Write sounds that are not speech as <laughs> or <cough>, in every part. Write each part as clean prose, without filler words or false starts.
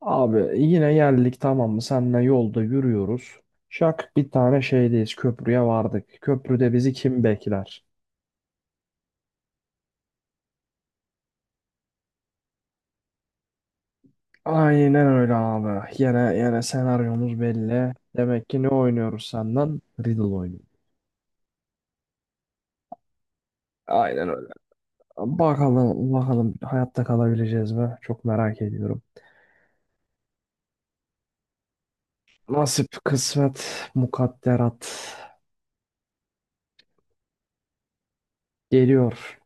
Abi yine geldik tamam mı? Seninle yolda yürüyoruz. Şak bir tane şeydeyiz. Köprüye vardık. Köprüde bizi kim bekler? Aynen öyle abi. Yine yine senaryomuz belli. Demek ki ne oynuyoruz senden? Riddle oynuyoruz. Aynen öyle. Bakalım bakalım hayatta kalabileceğiz mi? Çok merak ediyorum. Nasip, kısmet, mukadderat geliyor.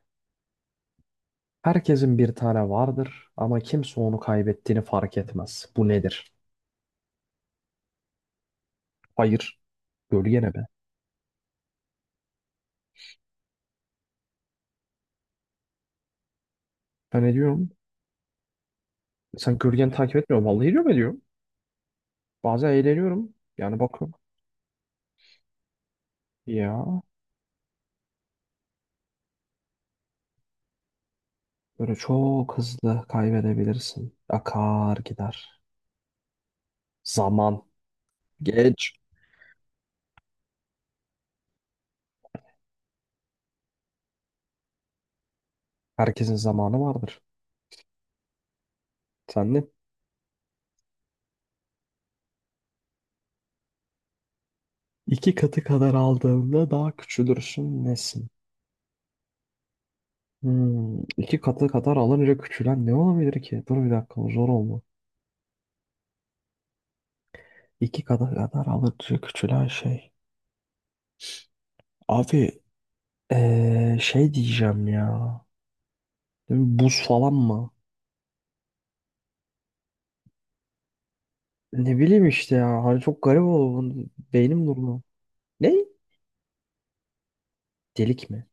Herkesin bir tane vardır ama kimse onu kaybettiğini fark etmez. Bu nedir? Hayır. Gölge ne be? Ben ediyorum. Sen gölgen takip etmiyor. Vallahi ediyorum ediyorum. Bazen eğleniyorum. Yani bakıyorum. Ya böyle çok hızlı kaybedebilirsin. Akar gider. Zaman. Geç. Herkesin zamanı vardır. Sen de iki katı kadar aldığında daha küçülürsün nesin? Hmm, iki katı kadar alınca küçülen ne olabilir ki? Dur bir dakika bu zor oldu. İki katı kadar alınca küçülen şey. Abi şey diyeceğim ya. Değil mi? Buz falan mı? Ne bileyim işte ya. Hani çok garip oldu. Bu beynim durmuyor. Ne? Delik mi?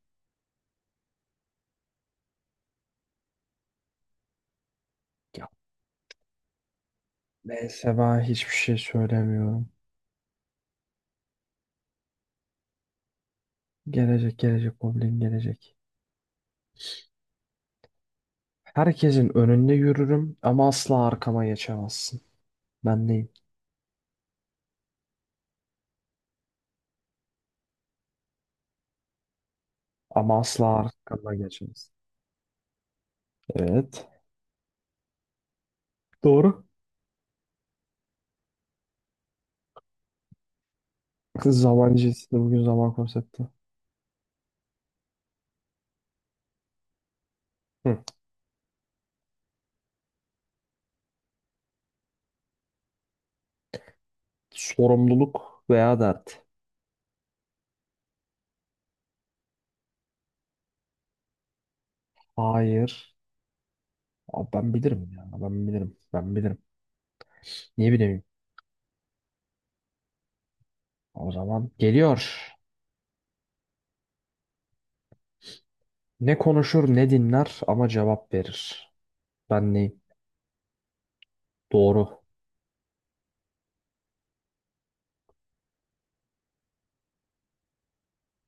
Ya neyse ben hiçbir şey söylemiyorum. Gelecek gelecek problem gelecek. Herkesin önünde yürürüm ama asla arkama geçemezsin. Ben neyim? Ama asla arkama geçemezsin. Evet. Doğru. Zaman işte bugün zaman konsepti. Hı. Sorumluluk veya dert. Hayır. Abi ben bilirim ya. Ben bilirim. Ben bilirim. Niye bileyim? O zaman geliyor. Ne konuşur ne dinler ama cevap verir. Ben neyim? Doğru.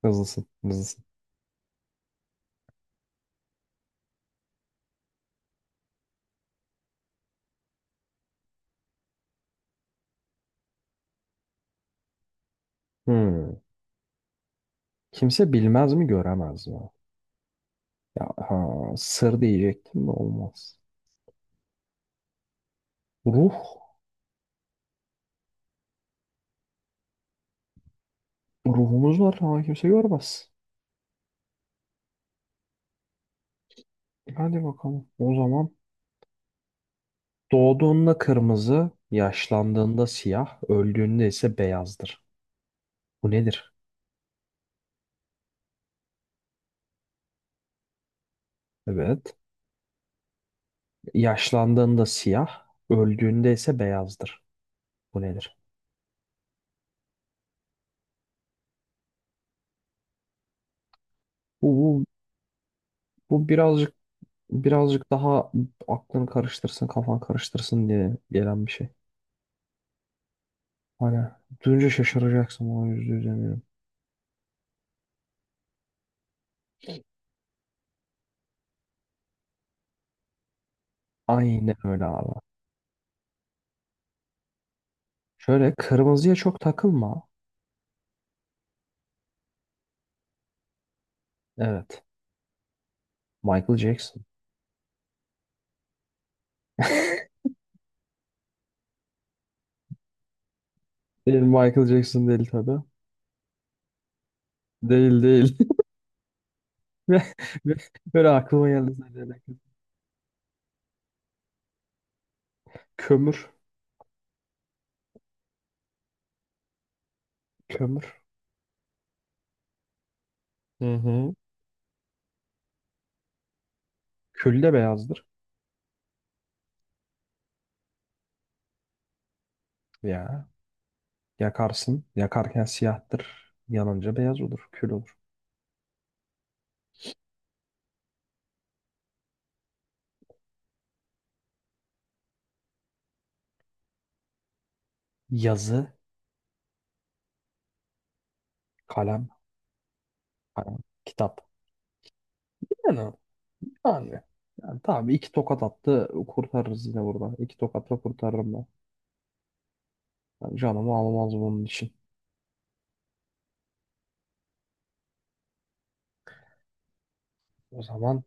Hızlısın, hızlısın. Hmm. Kimse bilmez mi göremez mi? Ya ha, sır diyecektim de olmaz. Ruh. Ruhumuz var ama kimse görmez. Hadi bakalım. O zaman doğduğunda kırmızı, yaşlandığında siyah, öldüğünde ise beyazdır. Bu nedir? Evet. Yaşlandığında siyah, öldüğünde ise beyazdır. Bu nedir? Bu, bu, bu birazcık birazcık daha aklını karıştırsın, kafan karıştırsın diye gelen bir şey. Hani duyunca şaşıracaksın ona yüzde yüz eminim. Aynen öyle abi. Şöyle kırmızıya çok takılma. Evet. Michael Jackson. Değil Michael Jackson değil tabii. Değil değil. <laughs> ve ve böyle aklıma geldi sadece. Kömür. Kömür. Hı hı. Kül de beyazdır. Ya. Yakarsın. Yakarken siyahtır. Yanınca beyaz olur. Kül olur. Yazı. Kalem. Kalem. Kitap. Yani abi. Yani tabii iki tokat attı kurtarırız yine burada. İki tokatla kurtarırım ben. Ben canımı almaz bunun için. O zaman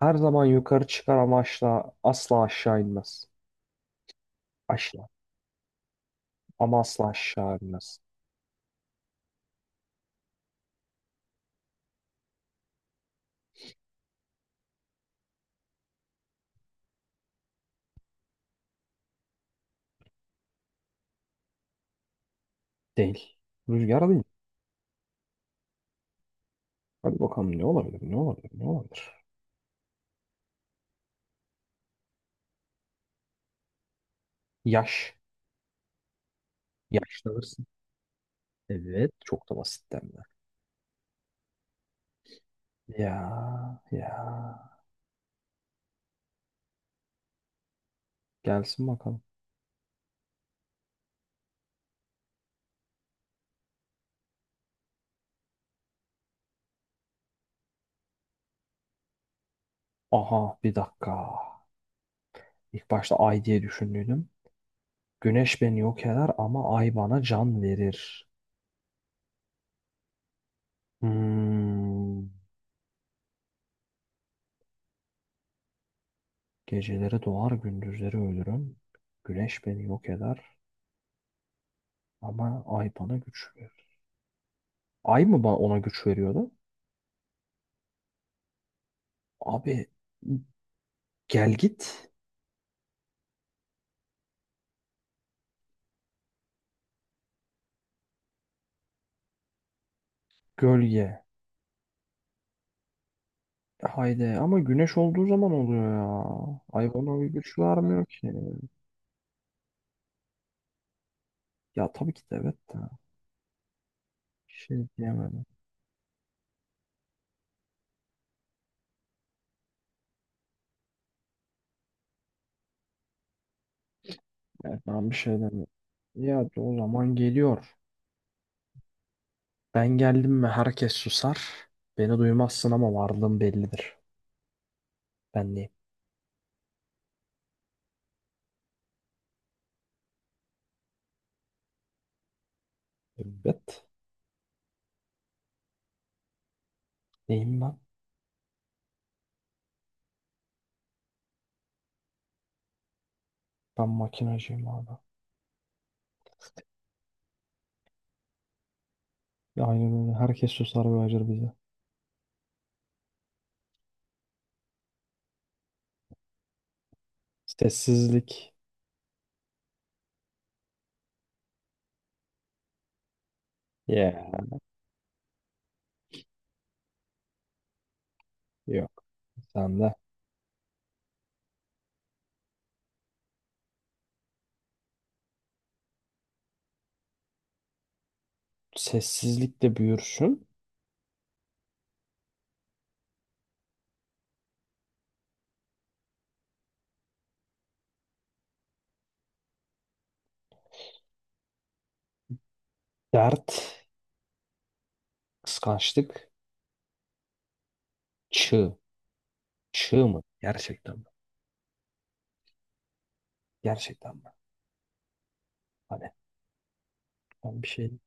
her zaman yukarı çıkar ama asla, asla aşağı inmez. Aşağı. Ama asla aşağı inmez. Değil. Rüzgar değil. Hadi bakalım ne olabilir, ne olabilir, ne olabilir. Yaş. Yaşlanırsın. Evet. Çok da basit hem de. Ya, ya. Gelsin bakalım. Aha bir dakika. İlk başta ay diye düşündüydüm. Güneş beni yok eder ama ay bana can verir. Hmm. Geceleri doğar gündüzleri ölürüm. Güneş beni yok eder ama ay bana güç verir. Ay mı bana ona güç veriyordu? Abi gel git gölge. Haydi ama güneş olduğu zaman oluyor ya. Ay bana bir güç vermiyor ki. Ya tabii ki de evet de. Bir şey diyemedim. Evet, ben bir şey demiyorum. Ya o zaman geliyor. Ben geldim mi herkes susar. Beni duymazsın ama varlığım bellidir. Ben neyim? Evet. Neyim ben? Ben makinacıyım abi. Aynen öyle. Herkes susar ve acır bize. Sessizlik. Yeah, yok. Sen de. Sessizlik de büyürsün. Dert. Kıskançlık. Çığ. Çığ mı? Gerçekten mi? Gerçekten mi? Hani ben bir şey...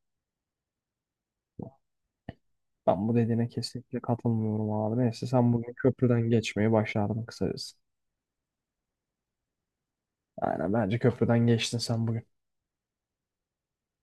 Ben bu dediğine kesinlikle katılmıyorum abi. Neyse sen bugün köprüden geçmeyi başardın kısacası. Aynen bence köprüden geçtin sen bugün.